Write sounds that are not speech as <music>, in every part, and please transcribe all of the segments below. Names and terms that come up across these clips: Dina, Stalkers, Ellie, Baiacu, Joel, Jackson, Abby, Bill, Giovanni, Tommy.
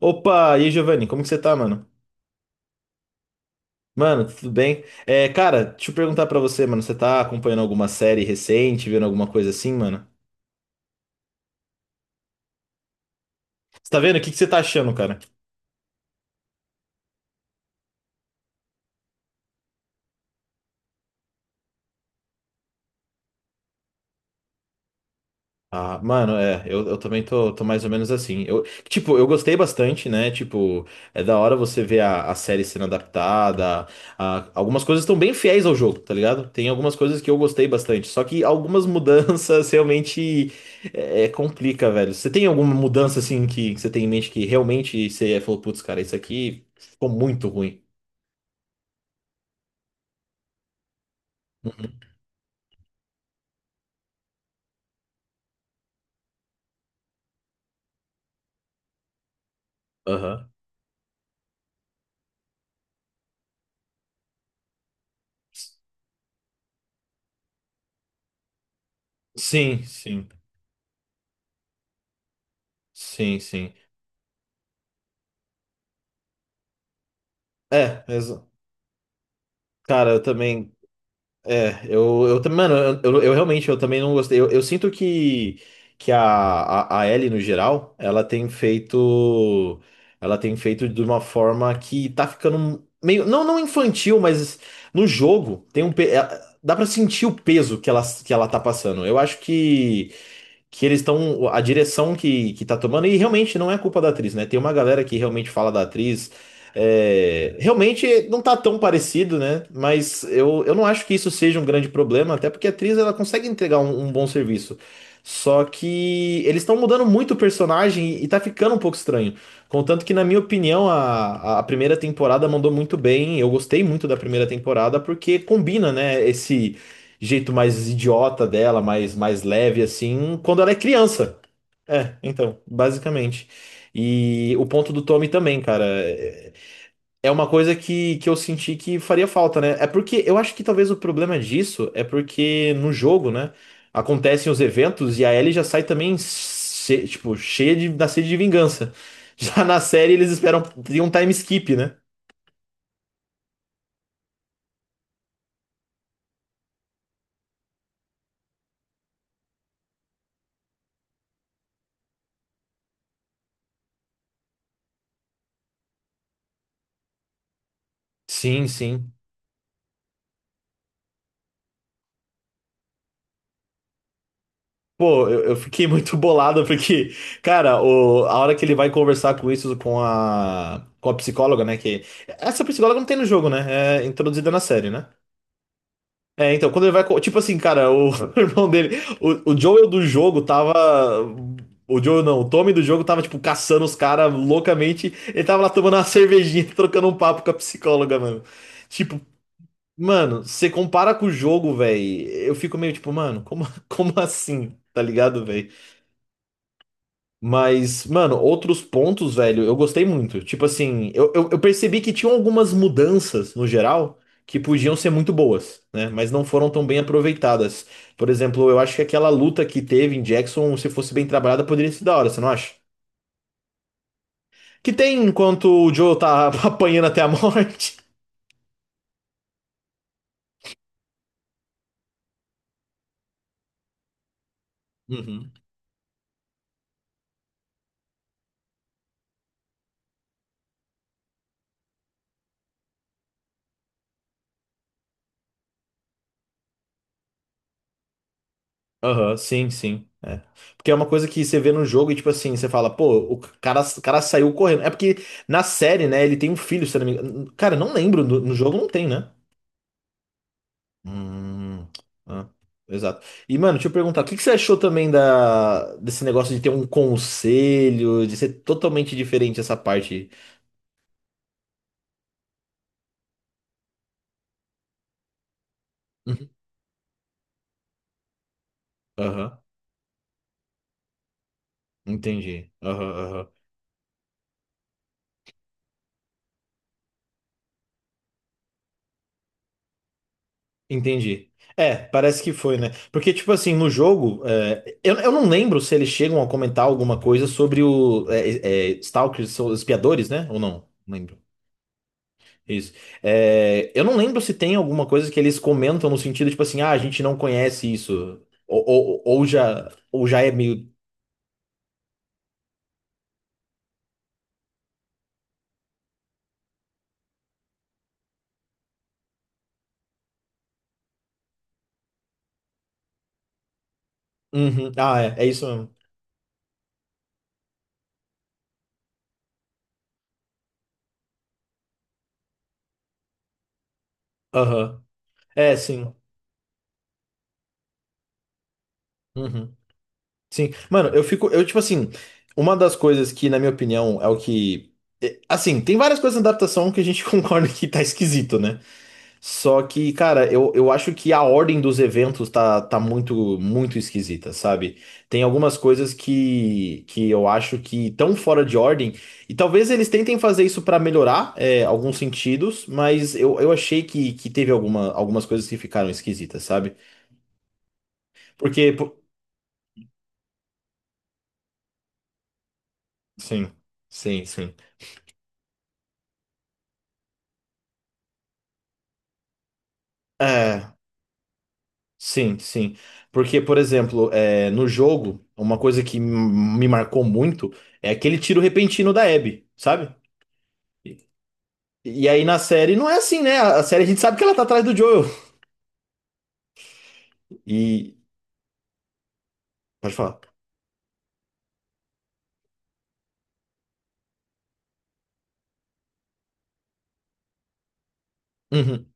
Opa, e aí, Giovanni, como que você tá, mano? Mano, tudo bem? Cara, deixa eu perguntar pra você, mano, você tá acompanhando alguma série recente, vendo alguma coisa assim, mano? Você tá vendo? O que que você tá achando, cara? Ah, mano, eu também tô, tô mais ou menos assim. Tipo, eu gostei bastante, né? Tipo, é da hora você ver a série sendo adaptada. Algumas coisas estão bem fiéis ao jogo, tá ligado? Tem algumas coisas que eu gostei bastante. Só que algumas mudanças <laughs> realmente complica, velho. Você tem alguma mudança, assim, que você tem em mente que realmente você falou, putz, cara, isso aqui ficou muito ruim. Aham. Sim, sim. Sim, sim. É, mas, cara, eu também. É, mano, eu realmente, eu também não gostei. Eu sinto que a Ellie, no geral, ela tem feito de uma forma que tá ficando meio, não, não infantil, mas no jogo tem um, dá pra sentir o peso que ela tá passando. Eu acho que eles estão. A direção que tá tomando, e realmente não é culpa da atriz, né? Tem uma galera que realmente fala da atriz. É, realmente não tá tão parecido, né? Mas eu não acho que isso seja um grande problema, até porque a atriz ela consegue entregar um bom serviço. Só que eles estão mudando muito o personagem e tá ficando um pouco estranho. Contanto que, na minha opinião, a primeira temporada mandou muito bem. Eu gostei muito da primeira temporada porque combina, né, esse jeito mais idiota dela, mais, mais leve, assim, quando ela é criança. É, então, basicamente. E o ponto do Tommy também, cara, é é uma coisa que eu senti que faria falta, né? É porque eu acho que talvez o problema disso é porque no jogo, né, acontecem os eventos e a Ellie já sai também, tipo, cheia de, da sede de vingança. <laughs> Já na série eles esperam, tem um time skip, né? Sim, sim. Pô, eu fiquei <laughs> muito bolado porque, cara, a hora que ele vai conversar com isso com a psicóloga, né? Que essa psicóloga não tem no jogo, né? É introduzida na série, né? É, então, quando ele vai. Tipo assim, cara, o <laughs> irmão dele. O Joel do jogo tava. O Joel não, o Tommy do jogo tava, tipo, caçando os caras loucamente. Ele tava lá tomando uma cervejinha, <laughs> trocando um papo com a psicóloga, mano. Tipo, mano, você compara com o jogo, velho. Eu fico meio tipo, mano, como, <laughs> como assim? Tá ligado, velho? Mas, mano, outros pontos, velho, eu gostei muito. Tipo assim, eu percebi que tinham algumas mudanças no geral que podiam ser muito boas, né? Mas não foram tão bem aproveitadas. Por exemplo, eu acho que aquela luta que teve em Jackson, se fosse bem trabalhada, poderia ser da hora, você não acha? Que tem enquanto o Joe tá <laughs> apanhando até a morte. Uhum. Aham, sim, sim. É. Porque é uma coisa que você vê no jogo e, tipo assim, você fala, pô, o cara saiu correndo. É porque na série, né, ele tem um filho, se eu não me engano. Cara, não lembro, no jogo não tem, né? Hum, ah, exato. E, mano, deixa eu perguntar, o que que você achou também da, desse negócio de ter um conselho, de ser totalmente diferente essa parte? Uhum. Aham, entendi. Aham, aham. Entendi. É, parece que foi, né? Porque, tipo assim, no jogo, eu não lembro se eles chegam a comentar alguma coisa sobre Stalkers, são os espiadores, né? Ou não? Não lembro. Isso. É, eu não lembro se tem alguma coisa que eles comentam no sentido, tipo assim, ah, a gente não conhece isso. Ou já é meio. Uhum. Ah, é, é isso mesmo. Aham. É, sim. Uhum. Sim, mano, eu tipo assim, uma das coisas que, na minha opinião, é o que. É, assim, tem várias coisas na adaptação que a gente <laughs> concorda que tá esquisito, né? Só que, cara, eu acho que a ordem dos eventos tá muito, muito esquisita, sabe? Tem algumas coisas que eu acho que estão fora de ordem, e talvez eles tentem fazer isso pra melhorar, é, alguns sentidos, mas eu achei que teve alguma, algumas coisas que ficaram esquisitas, sabe? Porque. Sim, sim, sim. É. Sim, sim. Porque, por exemplo, é, no jogo, uma coisa que me marcou muito é aquele tiro repentino da Abby, sabe? E, e aí na série não é assim, né? A série a gente sabe que ela tá atrás do Joel. E. Pode falar. Uhum.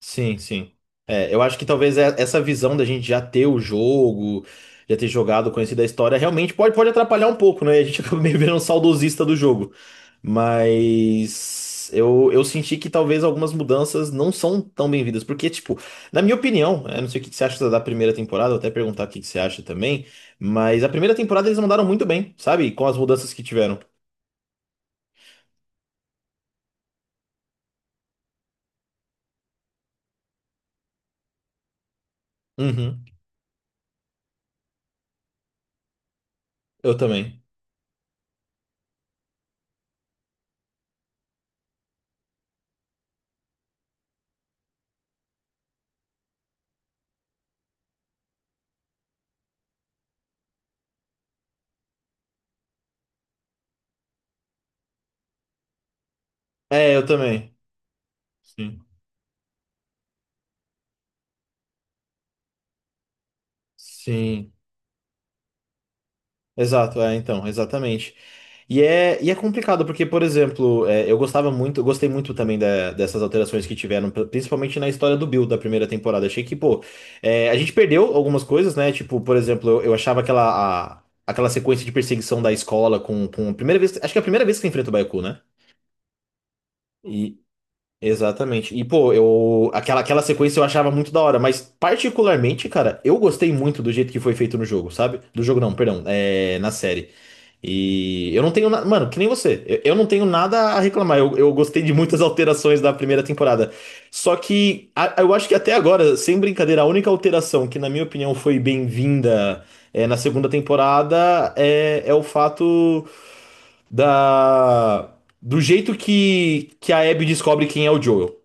Sim, sim. É, eu acho que talvez essa visão da gente já ter o jogo, já ter jogado, conhecido a história, realmente pode, pode atrapalhar um pouco, né? A gente <laughs> acaba meio virando um saudosista do jogo. Mas eu senti que talvez algumas mudanças não são tão bem-vindas. Porque, tipo, na minha opinião, eu não sei o que que você acha da primeira temporada, vou até perguntar o que que você acha também. Mas a primeira temporada eles mandaram muito bem, sabe? Com as mudanças que tiveram. Uhum, eu também. É, eu também. Sim. Sim. Exato, é, então, exatamente. E é complicado, porque, por exemplo, é, eu gostava muito, eu gostei muito também dessas alterações que tiveram, principalmente na história do Bill da primeira temporada. Achei que, pô, é, a gente perdeu algumas coisas, né? Tipo, por exemplo, eu achava aquela, aquela sequência de perseguição da escola com a primeira vez, acho que é a primeira vez que você enfrenta o Baiacu, né? E, exatamente. E, pô, eu, aquela, aquela sequência eu achava muito da hora, mas particularmente, cara, eu gostei muito do jeito que foi feito no jogo, sabe? Do jogo não, perdão, é, na série. E eu não tenho nada. Mano, que nem você. Eu não tenho nada a reclamar. Eu gostei de muitas <laughs> alterações da primeira temporada. Só que eu acho que até agora, sem brincadeira, a única alteração que, na minha opinião, foi bem-vinda é, na segunda temporada é o fato da. Do jeito que a Abby descobre quem é o Joel.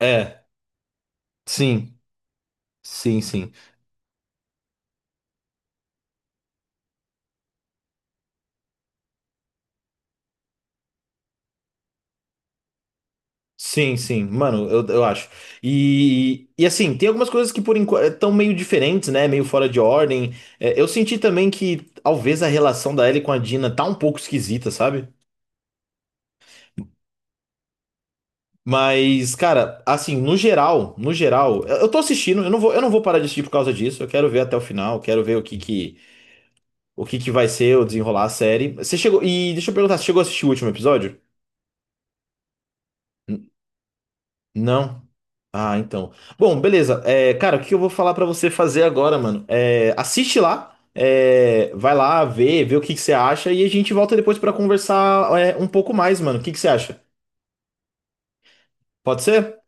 É, sim, sim, sim. Sim, sim, mano, eu acho. E assim, tem algumas coisas que por enquanto estão meio diferentes, né? Meio fora de ordem. É, eu senti também que talvez a relação da Ellie com a Dina tá um pouco esquisita, sabe? Mas, cara, assim, no geral, no geral, eu tô assistindo, eu não vou parar de assistir por causa disso. Eu quero ver até o final, quero ver o que que vai ser, o desenrolar a série. E deixa eu perguntar, você chegou a assistir o último episódio? N- Não? Ah, então. Bom, beleza. É, cara, o que eu vou falar pra você fazer agora, mano? É, assiste lá, é, vai lá ver, vê o que que você acha e a gente volta depois pra conversar, é, um pouco mais, mano. O que que você acha? Pode ser?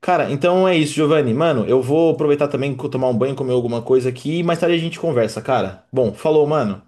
Cara, então é isso, Giovanni. Mano, eu vou aproveitar também, tomar um banho, comer alguma coisa aqui e mais tarde a gente conversa, cara. Bom, falou, mano.